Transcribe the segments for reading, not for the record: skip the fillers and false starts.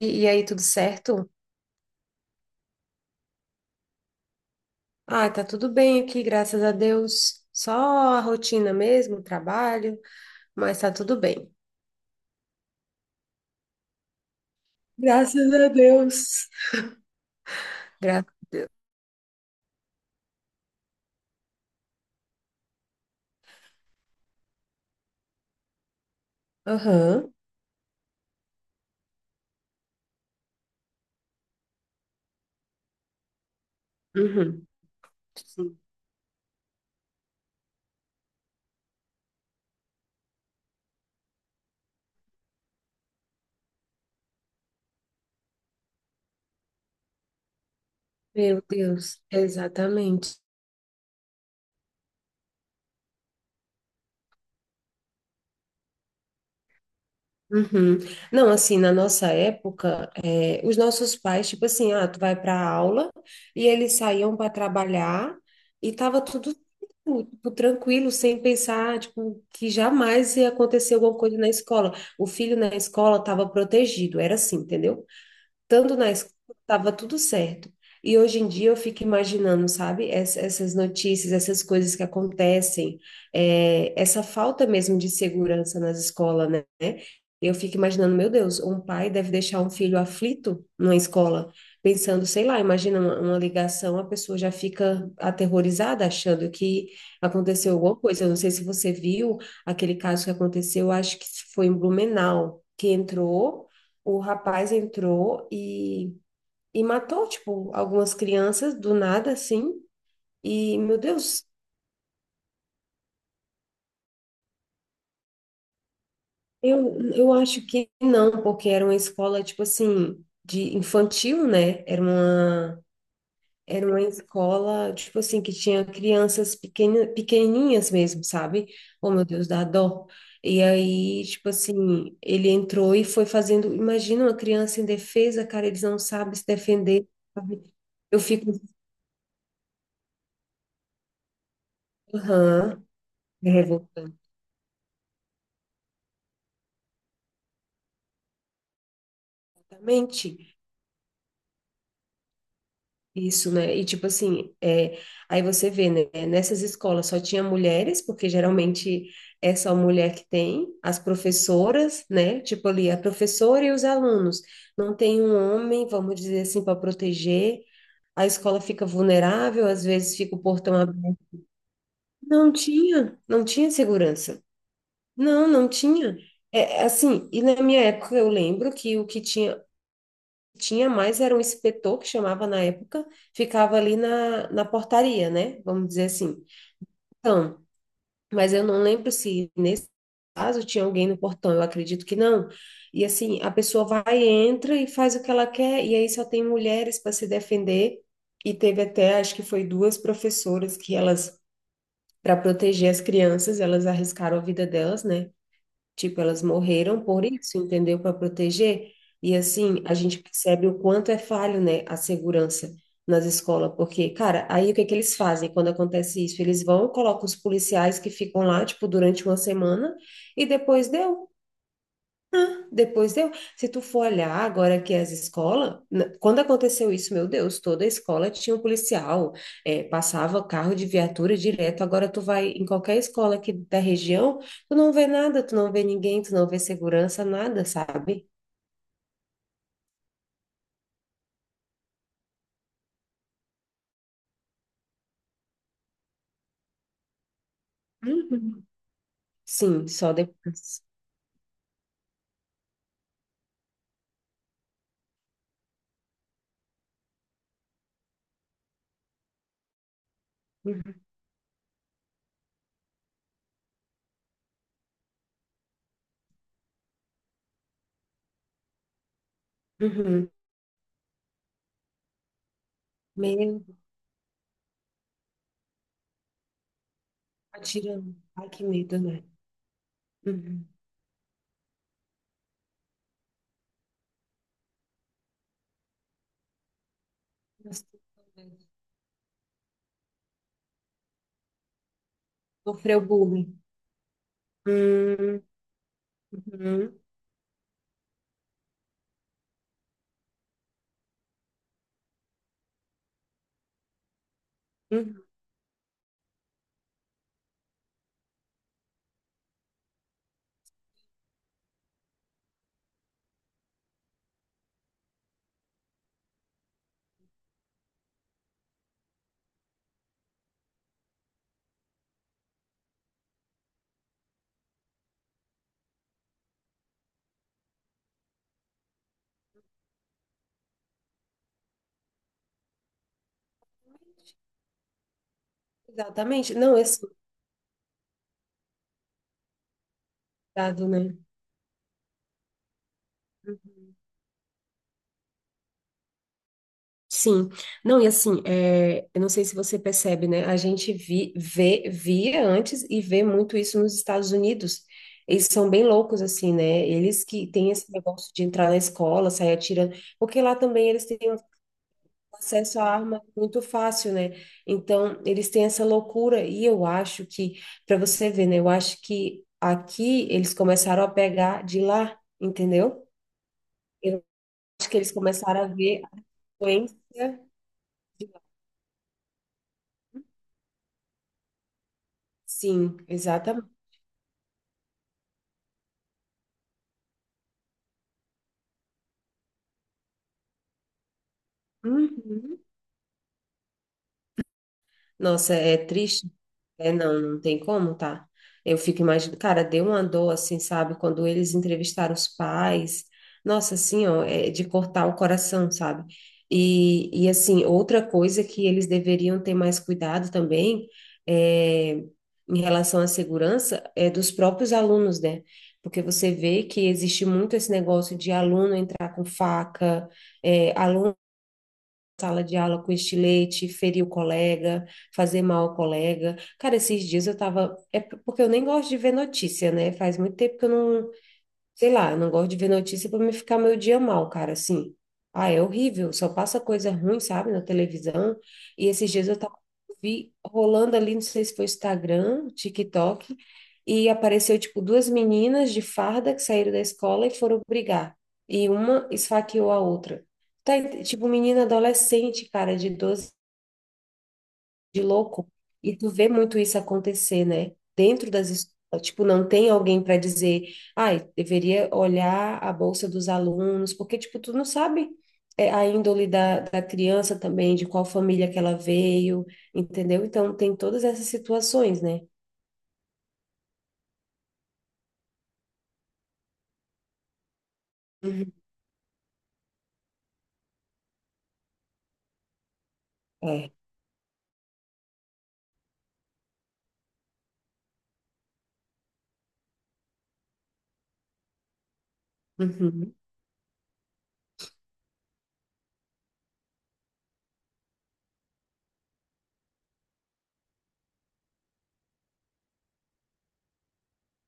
E aí, tudo certo? Ah, tá tudo bem aqui, graças a Deus. Só a rotina mesmo, o trabalho, mas tá tudo bem. Graças a Deus. Gra... Aham. Uhum. Sim. Meu Deus, exatamente. Uhum. Não, assim, na nossa época, os nossos pais, tipo assim, ah, tu vai para aula e eles saíam para trabalhar e tava tudo tipo, tranquilo, sem pensar, tipo, que jamais ia acontecer alguma coisa na escola. O filho na escola estava protegido, era assim, entendeu? Tanto na escola, estava tudo certo. E hoje em dia eu fico imaginando, sabe, essas notícias, essas coisas que acontecem, é, essa falta mesmo de segurança nas escolas, né? Eu fico imaginando, meu Deus, um pai deve deixar um filho aflito numa escola, pensando, sei lá, imagina uma ligação, a pessoa já fica aterrorizada, achando que aconteceu alguma coisa. Eu não sei se você viu aquele caso que aconteceu, acho que foi em Blumenau, que entrou o rapaz entrou e matou, tipo, algumas crianças do nada, assim. E, meu Deus, eu acho que não, porque era uma escola, tipo assim, de infantil, né? Era uma escola, tipo assim, que tinha crianças pequena, pequenininhas mesmo, sabe? Oh, meu Deus, dá dó. E aí, tipo assim, ele entrou e foi fazendo. Imagina uma criança indefesa, cara, eles não sabem se defender, sabe? Eu fico, assim, aham. Revoltante. Isso, né? E tipo assim, é, aí você vê, né? Nessas escolas só tinha mulheres, porque geralmente é só mulher que tem, as professoras, né? Tipo ali, a professora e os alunos. Não tem um homem, vamos dizer assim, para proteger. A escola fica vulnerável, às vezes fica o portão aberto. Não tinha segurança. Não, não tinha. É, assim, e na minha época eu lembro que o que tinha tinha mais era um inspetor que chamava na época, ficava ali na portaria, né? Vamos dizer assim. Então, mas eu não lembro se nesse caso tinha alguém no portão, eu acredito que não. E assim, a pessoa vai, entra e faz o que ela quer, e aí só tem mulheres para se defender. E teve até, acho que foi duas professoras que elas, para proteger as crianças, elas arriscaram a vida delas, né? Tipo, elas morreram por isso, entendeu? Para proteger. E assim, a gente percebe o quanto é falho, né, a segurança nas escolas, porque, cara, aí o que é que eles fazem quando acontece isso? Eles vão, colocam os policiais que ficam lá, tipo, durante uma semana e depois deu. Depois deu. Se tu for olhar agora que as escolas, quando aconteceu isso, meu Deus, toda a escola tinha um policial, passava carro de viatura direto. Agora tu vai em qualquer escola aqui da região, tu não vê nada, tu não vê ninguém, tu não vê segurança, nada, sabe? Uhum. Sim, só depois. Uhum. Uhum. Meio atirando. Ai, que medo, né? Uhum. Nossa, Sofreu bullying. Hum, uhum. Uhum. Exatamente. Não, esse cuidado, né? Sim, não, e assim, é, eu não sei se você percebe, né? A gente vê, via antes e vê muito isso nos Estados Unidos. Eles são bem loucos, assim, né? Eles que têm esse negócio de entrar na escola, sair atirando, porque lá também eles têm um acesso à arma muito fácil, né? Então, eles têm essa loucura, e eu acho que, para você ver, né? Eu acho que aqui eles começaram a pegar de lá, entendeu? Eu acho que eles começaram a ver a doença. Sim, exatamente. Uhum. Nossa, é triste. É, não, não tem como, tá? Eu fico imaginando, cara, deu uma dor, assim, sabe? Quando eles entrevistaram os pais, nossa, assim, ó, é de cortar o coração, sabe? E assim, outra coisa que eles deveriam ter mais cuidado também é, em relação à segurança é dos próprios alunos, né? Porque você vê que existe muito esse negócio de aluno entrar com faca, é, aluno sala de aula com estilete, ferir o colega, fazer mal ao colega. Cara, esses dias eu tava. É porque eu nem gosto de ver notícia, né? Faz muito tempo que eu não, Sei lá, eu não gosto de ver notícia para me ficar meu dia mal, cara, assim. Ah, é horrível, só passa coisa ruim, sabe, na televisão. E esses dias eu tava vi rolando ali, não sei se foi Instagram, TikTok, e apareceu tipo duas meninas de farda que saíram da escola e foram brigar. E uma esfaqueou a outra. Tá, tipo menina adolescente, cara, de 12 de louco. E tu vê muito isso acontecer, né? Dentro das escolas, tipo, não tem alguém para dizer, ai, deveria olhar a bolsa dos alunos, porque, tipo, tu não sabe é, a índole da criança também, de qual família que ela veio, entendeu? Então, tem todas essas situações, né? Uhum. É. Uhum.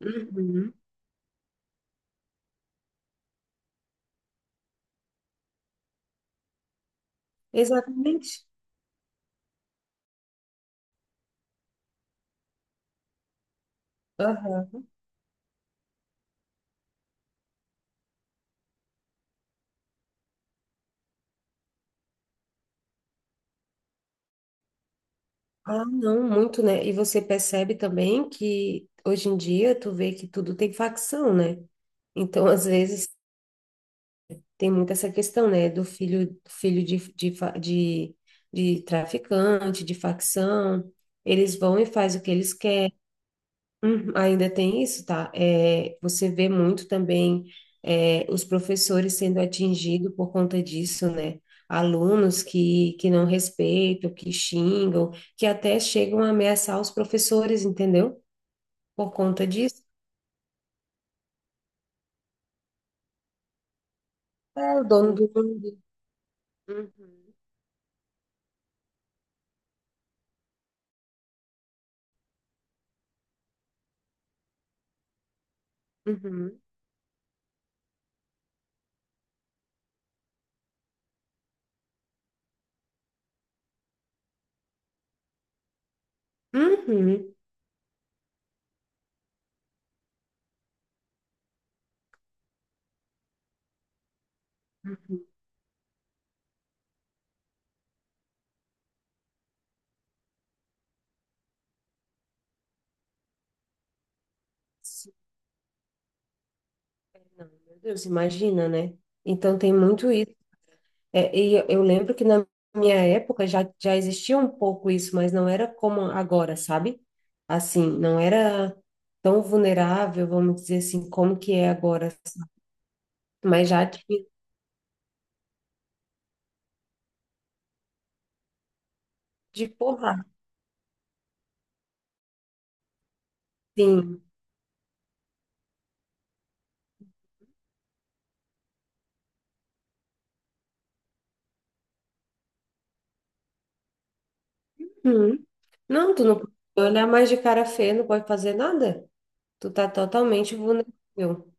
Uhum. Exatamente. Aham. Ah, não, muito, né? E você percebe também que hoje em dia tu vê que tudo tem facção, né? Então, às vezes, tem muito essa questão, né, do filho, de traficante, de facção, eles vão e fazem o que eles querem. Uhum, ainda tem isso, tá? É, você vê muito também é, os professores sendo atingidos por conta disso, né? Alunos que não respeitam, que xingam, que até chegam a ameaçar os professores, entendeu? Por conta disso. É o dono do mundo. Uhum, uhum, uhum, uhum. Não, meu Deus, imagina, né? Então tem muito isso. É, e eu lembro que na minha época já existia um pouco isso, mas não era como agora, sabe? Assim, não era tão vulnerável, vamos dizer assim, como que é agora. Mas já de porra, sim. Uhum. Não, tu não pode olhar mais de cara feia, não pode fazer nada. Tu tá totalmente vulnerável.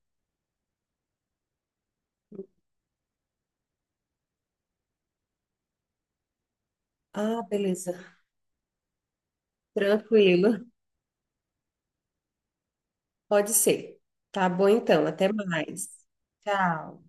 Ah, beleza. Tranquilo. Pode ser. Tá bom então, até mais. Tchau.